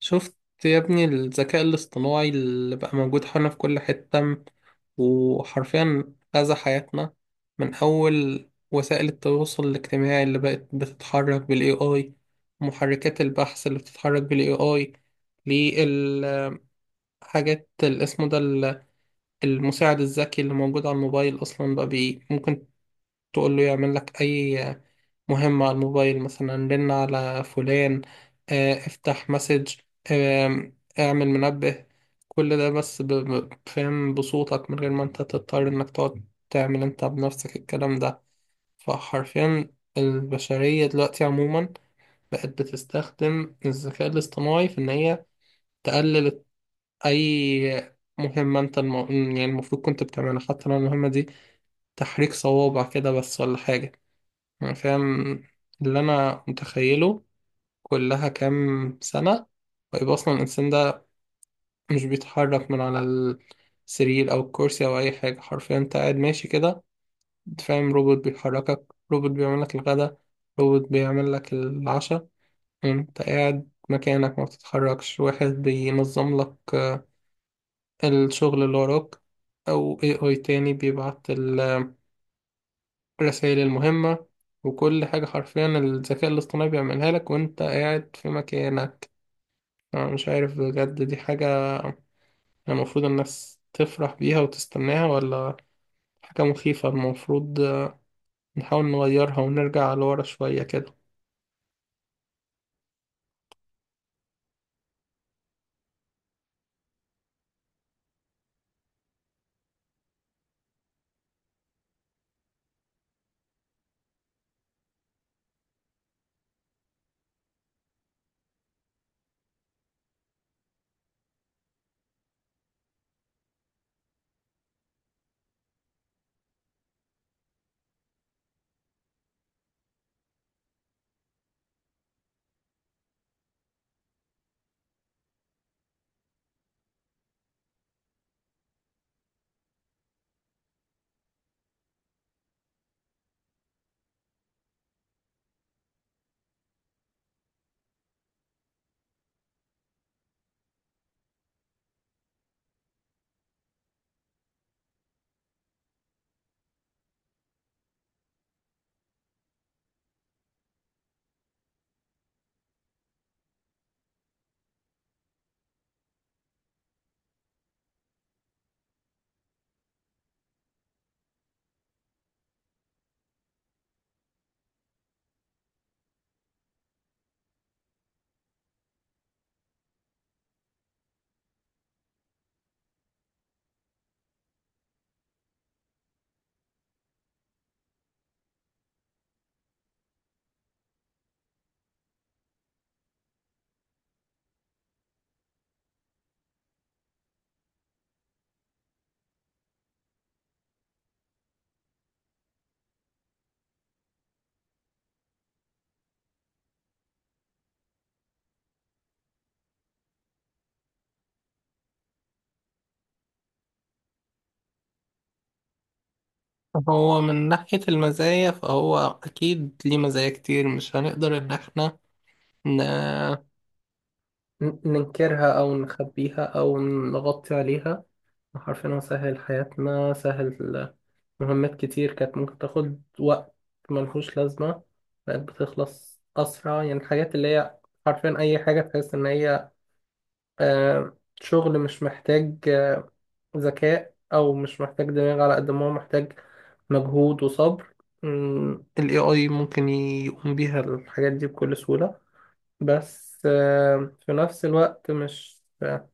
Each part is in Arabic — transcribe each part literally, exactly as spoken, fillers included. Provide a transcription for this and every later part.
شفت يا ابني الذكاء الاصطناعي اللي بقى موجود حولنا في كل حتة م- وحرفيا غزا حياتنا من أول وسائل التواصل الاجتماعي اللي بقت بتتحرك بال إيه آي، محركات البحث اللي بتتحرك بال A I للحاجات اللي اسمه ده ال- المساعد الذكي اللي موجود على الموبايل أصلا بقى بي ممكن تقول له يعمل لك أي مهمة على الموبايل، مثلا رن على فلان، آه، افتح مسج، آم، اعمل منبه. كل ده بس ب- ب- فاهم بصوتك من غير ما انت تضطر انك تقعد تعمل انت بنفسك الكلام ده. فحرفيا البشرية دلوقتي عموما بقت بتستخدم الذكاء الاصطناعي في ان هي تقلل اي مهمة انت الم... يعني المفروض كنت بتعملها، حتى لو المهمة دي تحريك صوابع كده بس ولا حاجة. يعني فاهم، اللي أنا متخيله كلها كام سنة ويبقى أصلا الإنسان ده مش بيتحرك من على السرير أو الكرسي أو أي حاجة. حرفيا أنت قاعد ماشي كده، فاهم، روبوت بيحركك، روبوت بيعمل لك الغداء، روبوت بيعمل لك العشاء، أنت قاعد مكانك ما بتتحركش، واحد بينظم لك الشغل اللي وراك، أو إيه آي تاني بيبعت الرسائل المهمة. وكل حاجة حرفيا الذكاء الاصطناعي بيعملها لك وانت قاعد في مكانك. انا مش عارف بجد، دي حاجة المفروض الناس تفرح بيها وتستناها، ولا حاجة مخيفة المفروض نحاول نغيرها ونرجع لورا شوية كده. هو من ناحية المزايا فهو أكيد ليه مزايا كتير، مش هنقدر إن احنا ن... ن- ننكرها أو نخبيها أو نغطي عليها. حرفيا هو سهل حياتنا، سهل مهمات كتير كانت ممكن تاخد وقت ملهوش لازمة، بقت بتخلص أسرع. يعني الحاجات اللي هي حرفيا أي حاجة تحس إن هي آه، شغل مش محتاج آه، ذكاء، أو مش محتاج دماغ على قد ما هو محتاج مجهود وصبر، مم، ال إيه آي ممكن يقوم بيها الحاجات دي بكل سهولة. بس آه، في نفس الوقت مش آه،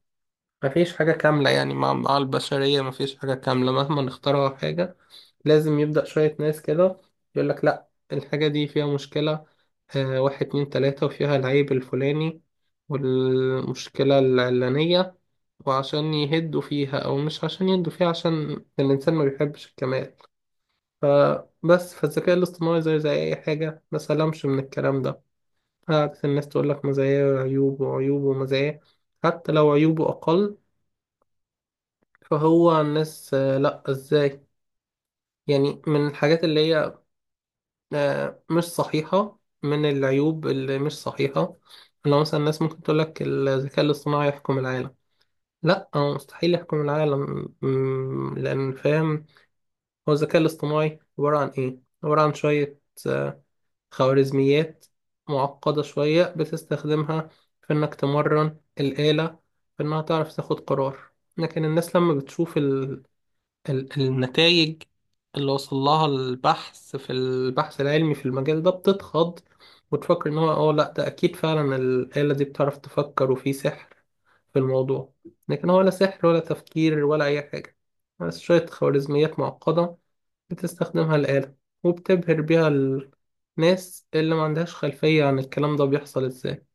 مفيش حاجة كاملة. يعني مع مع البشرية مفيش حاجة كاملة، مهما نخترع حاجة لازم يبدأ شوية ناس كده يقول لك لا، الحاجة دي فيها مشكلة آه، واحد اتنين تلاتة، وفيها العيب الفلاني والمشكلة العلانية. وعشان يهدوا فيها أو مش عشان يهدوا فيها، عشان الإنسان ما بيحبش الكمال. فبس فالذكاء الاصطناعي زيه زي أي حاجة، ما سلمش من الكلام ده. قعدت الناس تقول لك مزاياه وعيوبه، وعيوبه ومزاياه، حتى لو عيوبه أقل. فهو الناس آه لأ إزاي؟ يعني من الحاجات اللي هي آه، مش صحيحة، من العيوب اللي مش صحيحة، لو مثلا الناس ممكن تقول لك الذكاء الاصطناعي يحكم العالم. لا، هو مستحيل يحكم العالم، مم، لأن فاهم، هو الذكاء الاصطناعي عبارة عن إيه؟ عبارة عن شوية آه، خوارزميات معقدة شوية بتستخدمها في إنك تمرن الآلة، في إنها تعرف تاخد قرار. لكن الناس لما بتشوف ال النتائج اللي وصل لها البحث في البحث العلمي في المجال ده بتتخض، وتفكر ان هو اه لا، ده اكيد فعلا الآلة دي بتعرف تفكر وفي سحر في الموضوع. لكن هو لا سحر ولا تفكير ولا اي حاجة، بس شوية خوارزميات معقدة بتستخدمها الآلة، وبتبهر بيها الناس اللي ما عندهاش خلفية عن الكلام ده بيحصل ازاي.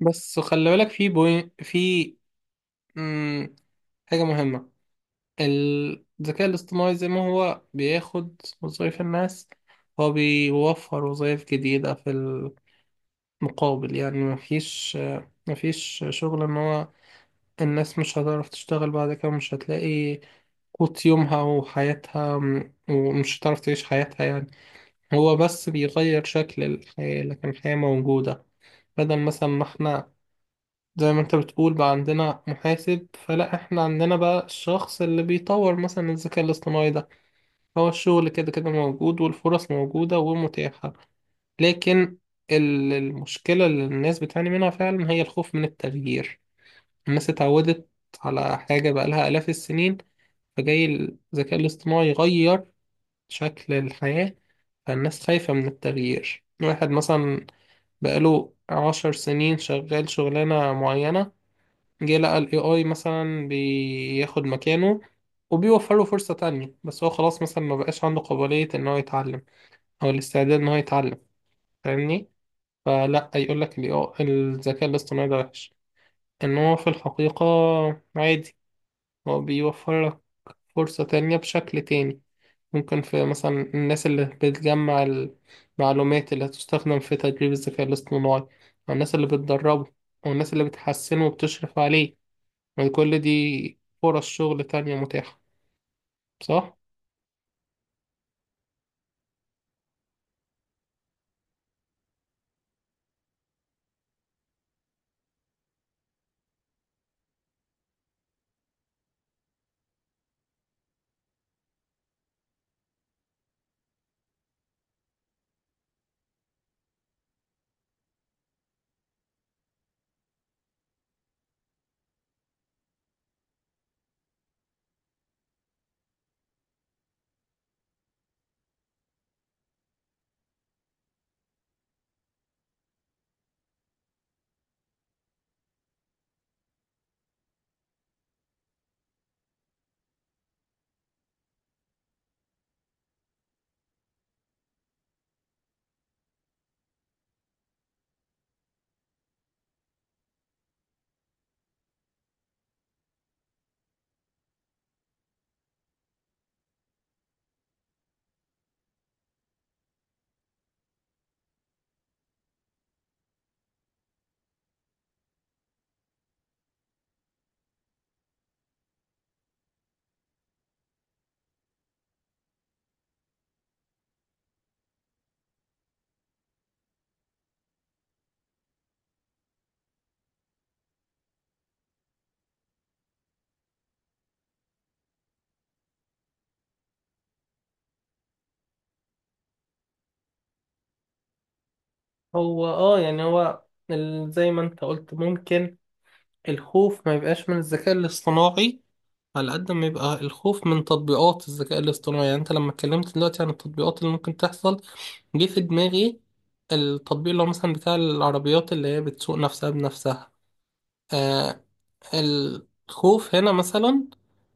بس خلي بالك، في بوين، في مم، حاجة مهمة. الذكاء الاصطناعي زي ما هو بياخد وظايف الناس، هو بيوفر وظايف جديدة في المقابل. يعني مفيش مفيش شغل ان هو الناس مش هتعرف تشتغل بعد كده، مش هتلاقي قوت يومها وحياتها م- ومش هتعرف تعيش حياتها. يعني هو بس بيغير شكل الحياة، لكن الحياة موجودة. بدل مثلا ما احنا، زي ما انت بتقول، بقى عندنا محاسب، فلا احنا عندنا بقى الشخص اللي بيطور مثلا الذكاء الاصطناعي ده. هو الشغل كده كده موجود، والفرص موجودة ومتاحة. لكن ال- المشكلة اللي الناس بتعاني منها فعلا هي الخوف من التغيير. الناس اتعودت على حاجة بقالها آلاف السنين، فجاي الذكاء الاصطناعي يغير شكل الحياة، فالناس خايفة من التغيير. واحد مثلا بقاله عشر سنين شغال شغلانة معينة، جه لقى ال إيه آي مثلا بياخد مكانه وبيوفر له فرصة تانية، بس هو خلاص مثلا ما بقاش عنده قابلية إن هو يتعلم او الاستعداد ان هو يتعلم. فاهمني؟ فلا يقول لك الذكاء الاصطناعي ده وحش. ان هو في الحقيقة عادي، هو بيوفر لك فرصة تانية بشكل تاني. ممكن في مثلا الناس اللي بتجمع المعلومات اللي هتستخدم في تدريب الذكاء الاصطناعي، او الناس اللي بتدربه، او الناس اللي بتحسنه وبتشرف عليه، وكل دي فرص شغل تانية متاحة. صح؟ هو اه، يعني هو ال- زي ما انت قلت، ممكن الخوف ما يبقاش من الذكاء الاصطناعي على قد ما يبقى الخوف من تطبيقات الذكاء الاصطناعي. يعني انت لما اتكلمت دلوقتي عن التطبيقات اللي ممكن تحصل، جه في دماغي التطبيق اللي هو مثلا بتاع العربيات اللي هي بتسوق نفسها بنفسها آه. الخوف هنا مثلا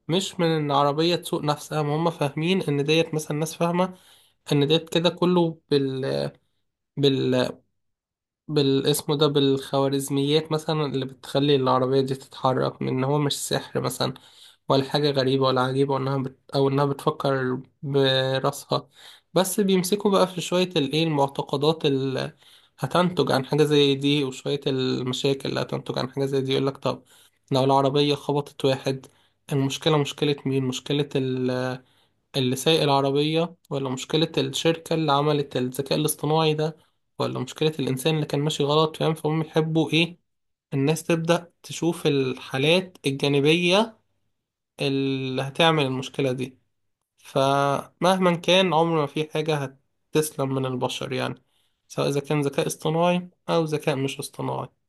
مش من ان عربية تسوق نفسها، ما هم فاهمين ان ديت مثلا، ناس فاهمة ان ديت كده كله بال... بالاسم ده، بالخوارزميات مثلا اللي بتخلي العربية دي تتحرك، من إن هو مش سحر مثلا ولا حاجة غريبة ولا عجيبة، إنها بت... أو إنها بتفكر براسها. بس بيمسكوا بقى في شوية الإيه، المعتقدات اللي هتنتج عن حاجة زي دي، وشوية المشاكل اللي هتنتج عن حاجة زي دي. يقولك طب لو العربية خبطت واحد، المشكلة مشكلة مين؟ مشكلة اللي سايق العربية، ولا مشكلة الشركة اللي عملت الذكاء الاصطناعي ده، ولا مشكلة الإنسان اللي كان ماشي غلط؟ فاهم؟ فهم يحبوا إيه؟ الناس تبدأ تشوف الحالات الجانبية اللي هتعمل المشكلة دي. فمهما كان، عمر ما في حاجة هتسلم من البشر، يعني سواء إذا كان ذكاء اصطناعي أو ذكاء مش اصطناعي.